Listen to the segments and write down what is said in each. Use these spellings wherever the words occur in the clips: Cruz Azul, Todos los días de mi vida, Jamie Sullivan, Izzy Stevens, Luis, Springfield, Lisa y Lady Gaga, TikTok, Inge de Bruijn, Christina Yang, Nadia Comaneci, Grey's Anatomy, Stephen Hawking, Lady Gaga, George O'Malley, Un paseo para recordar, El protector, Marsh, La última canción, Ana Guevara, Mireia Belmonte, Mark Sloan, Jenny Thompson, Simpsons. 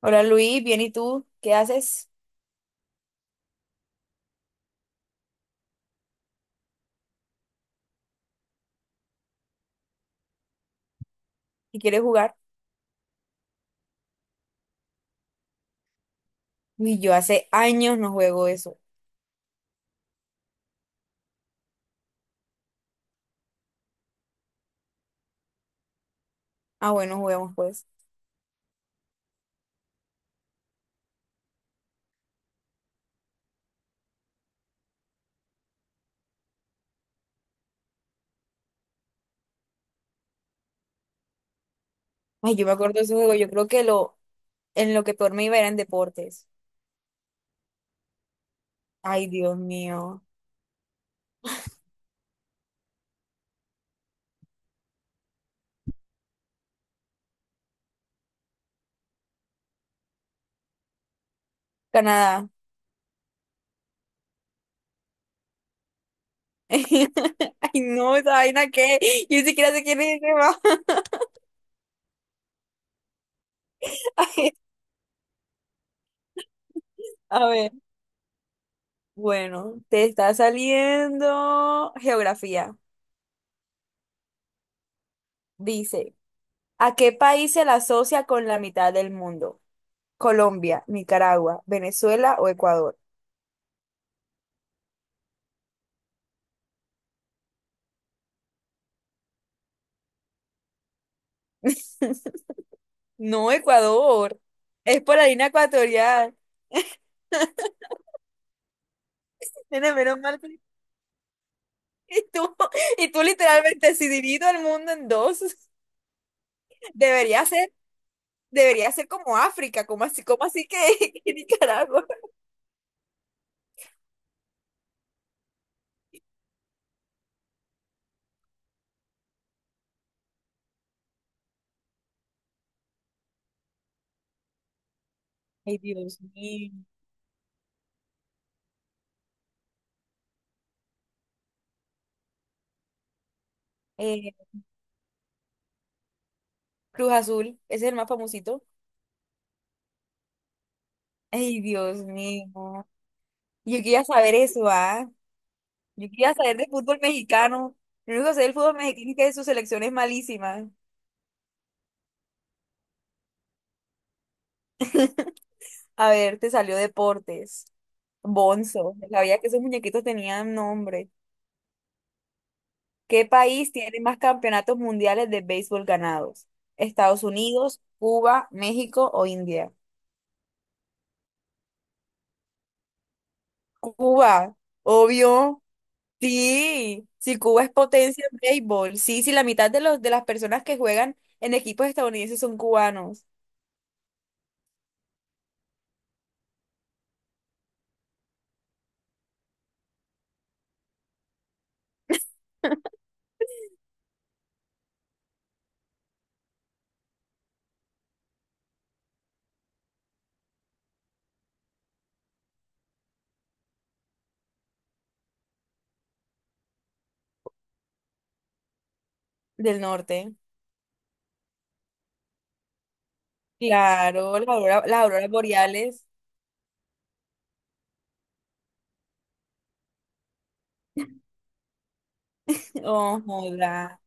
Hola Luis, bien, ¿y tú? ¿Qué haces? ¿Y quieres jugar? Uy, yo hace años no juego eso. Ah, bueno, juguemos pues. Ay, yo me acuerdo de ese juego. Yo creo que lo, en lo que peor me iba era en deportes. Ay, Dios mío. Canadá. Ay, no, esa vaina que yo ni siquiera sé quién es ese man. Ay, a ver, bueno, te está saliendo geografía. Dice, ¿a qué país se la asocia con la mitad del mundo? Colombia, Nicaragua, Venezuela o Ecuador. No, Ecuador. Es por la línea ecuatorial. Nene, menos mal que- Y tú, y tú literalmente, si divido el mundo en dos, debería ser, debería ser como África, como así que, que Nicaragua. Ay, Dios mío. Eh, Cruz Azul, ese es el más famosito. Ay, Dios mío. Yo quería saber eso, ¿ah? Yo quería saber de fútbol mexicano. Lo único que sé del fútbol mexicano es que su selección es malísima. A ver, te salió deportes. Bonzo. Sabía que esos muñequitos tenían nombre. ¿Qué país tiene más campeonatos mundiales de béisbol ganados? ¿Estados Unidos, Cuba, México o India? Cuba, obvio. Sí, si Cuba es potencia en béisbol. Sí, sí, la mitad de los de las personas que juegan en equipos estadounidenses son cubanos del norte. Claro, las auroras boreales. Oh, joda.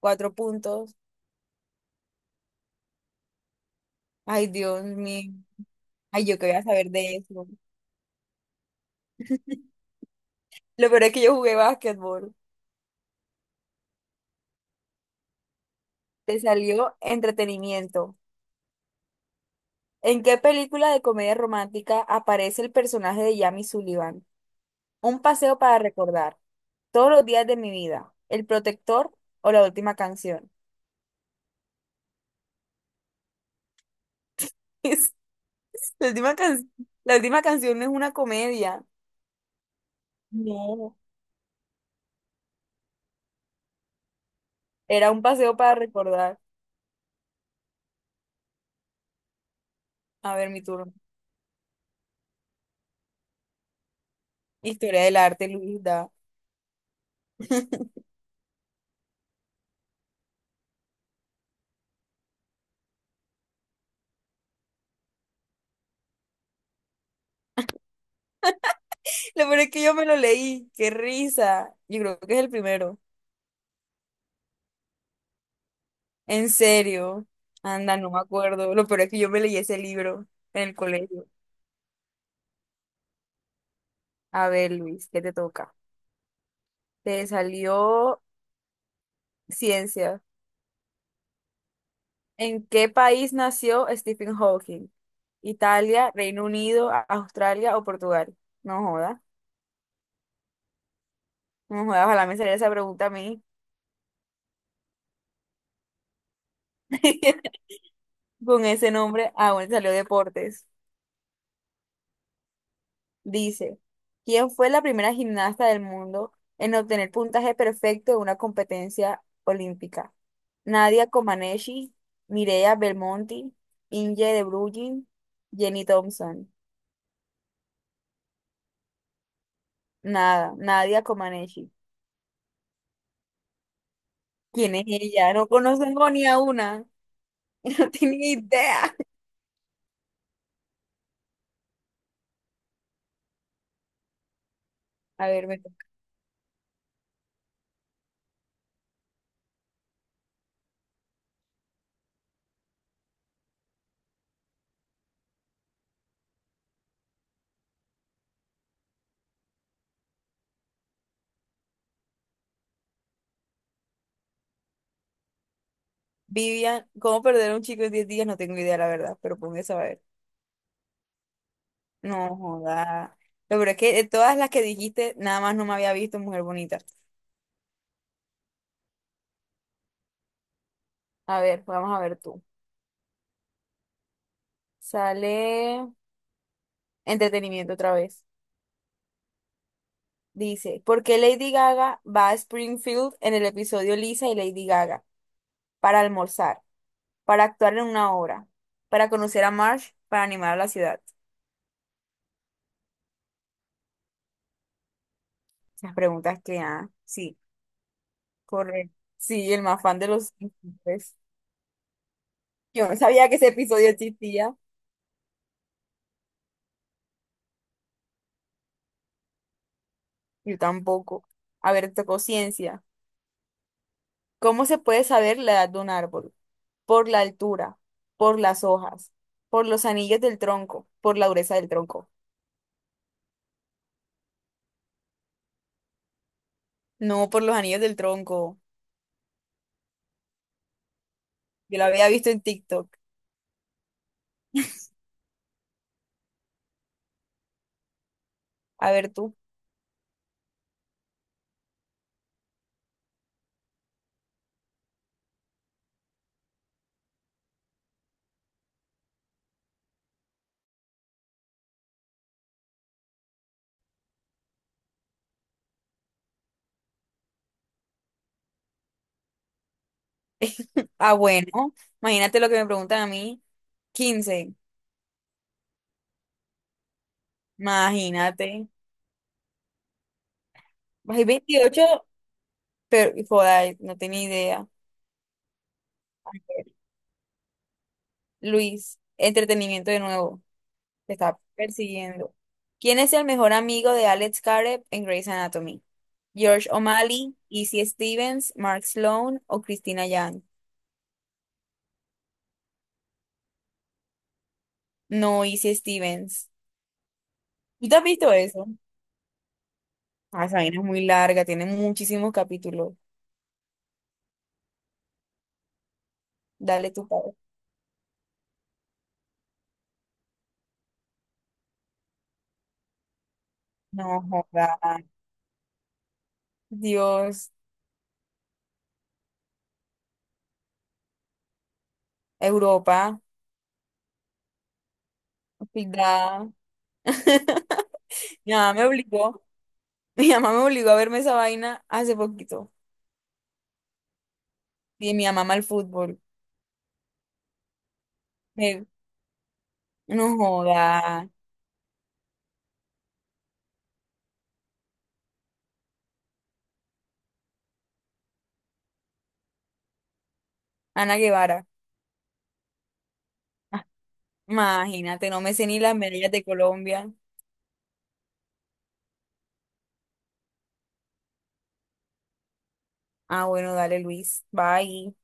Cuatro puntos. Ay, Dios mío. Ay, yo qué voy a saber de eso. Lo peor es que yo jugué básquetbol. Te salió entretenimiento. ¿En qué película de comedia romántica aparece el personaje de Jamie Sullivan? Un paseo para recordar. Todos los días de mi vida. El protector o la última canción. Es- La última can- la última canción no es una comedia. No. Era un paseo para recordar. A ver, mi turno. Historia del arte, Luis da. Lo peor es que yo me lo leí. Qué risa. Yo creo que es el primero. En serio. Anda, no me acuerdo. Lo peor es que yo me leí ese libro en el colegio. A ver, Luis, ¿qué te toca? Te salió ciencia. ¿En qué país nació Stephen Hawking? ¿Italia, Reino Unido, Australia o Portugal? No joda. No joda, ojalá me saliera esa pregunta a mí. Con ese nombre, ah, bueno, salió deportes. Dice, ¿quién fue la primera gimnasta del mundo en obtener puntaje perfecto en una competencia olímpica? Nadia Comaneci, Mireia Belmonte, Inge de Bruijn, Jenny Thompson. Nada, Nadia Comaneci. ¿Quién es ella? No conozco ni a una. No tengo ni idea. A ver, me toca. Vivian, ¿cómo perder a un chico en 10 días? No tengo idea, la verdad, pero póngase a ver. No, joda. Lo peor es que de todas las que dijiste, nada más no me había visto mujer bonita. A ver, vamos a ver tú. Sale entretenimiento otra vez. Dice, ¿por qué Lady Gaga va a Springfield en el episodio Lisa y Lady Gaga? Para almorzar, para actuar en una obra, para conocer a Marsh, para animar a la ciudad. Las preguntas que, ah, sí, correcto. Sí, el más fan de los Simpsons. Yo no sabía que ese episodio existía. Yo tampoco. A ver, tocó ciencia. ¿Cómo se puede saber la edad de un árbol? Por la altura, por las hojas, por los anillos del tronco, por la dureza del tronco. No, por los anillos del tronco. Yo lo había visto en TikTok. A ver tú. Ah, bueno. Imagínate lo que me preguntan a mí. 15. Imagínate. Hay 28. Pero joda, no tenía idea. Luis, entretenimiento de nuevo. Te está persiguiendo. ¿Quién es el mejor amigo de Alex Caret en Grey's Anatomy? George O'Malley, Izzy Stevens, Mark Sloan o Christina Yang. No hice Stevens. ¿Tú te has visto eso? Ah, esa vaina es muy larga, tiene muchísimos capítulos. Dale tu padre. No, joda. Dios, Europa, cuidado. Mi mamá me obligó, mi mamá me obligó a verme esa vaina hace poquito. Y mi mamá ama el fútbol. Me- no joda. Ana Guevara. Ah, imagínate, no me sé ni las medallas de Colombia. Ah, bueno, dale, Luis. Bye.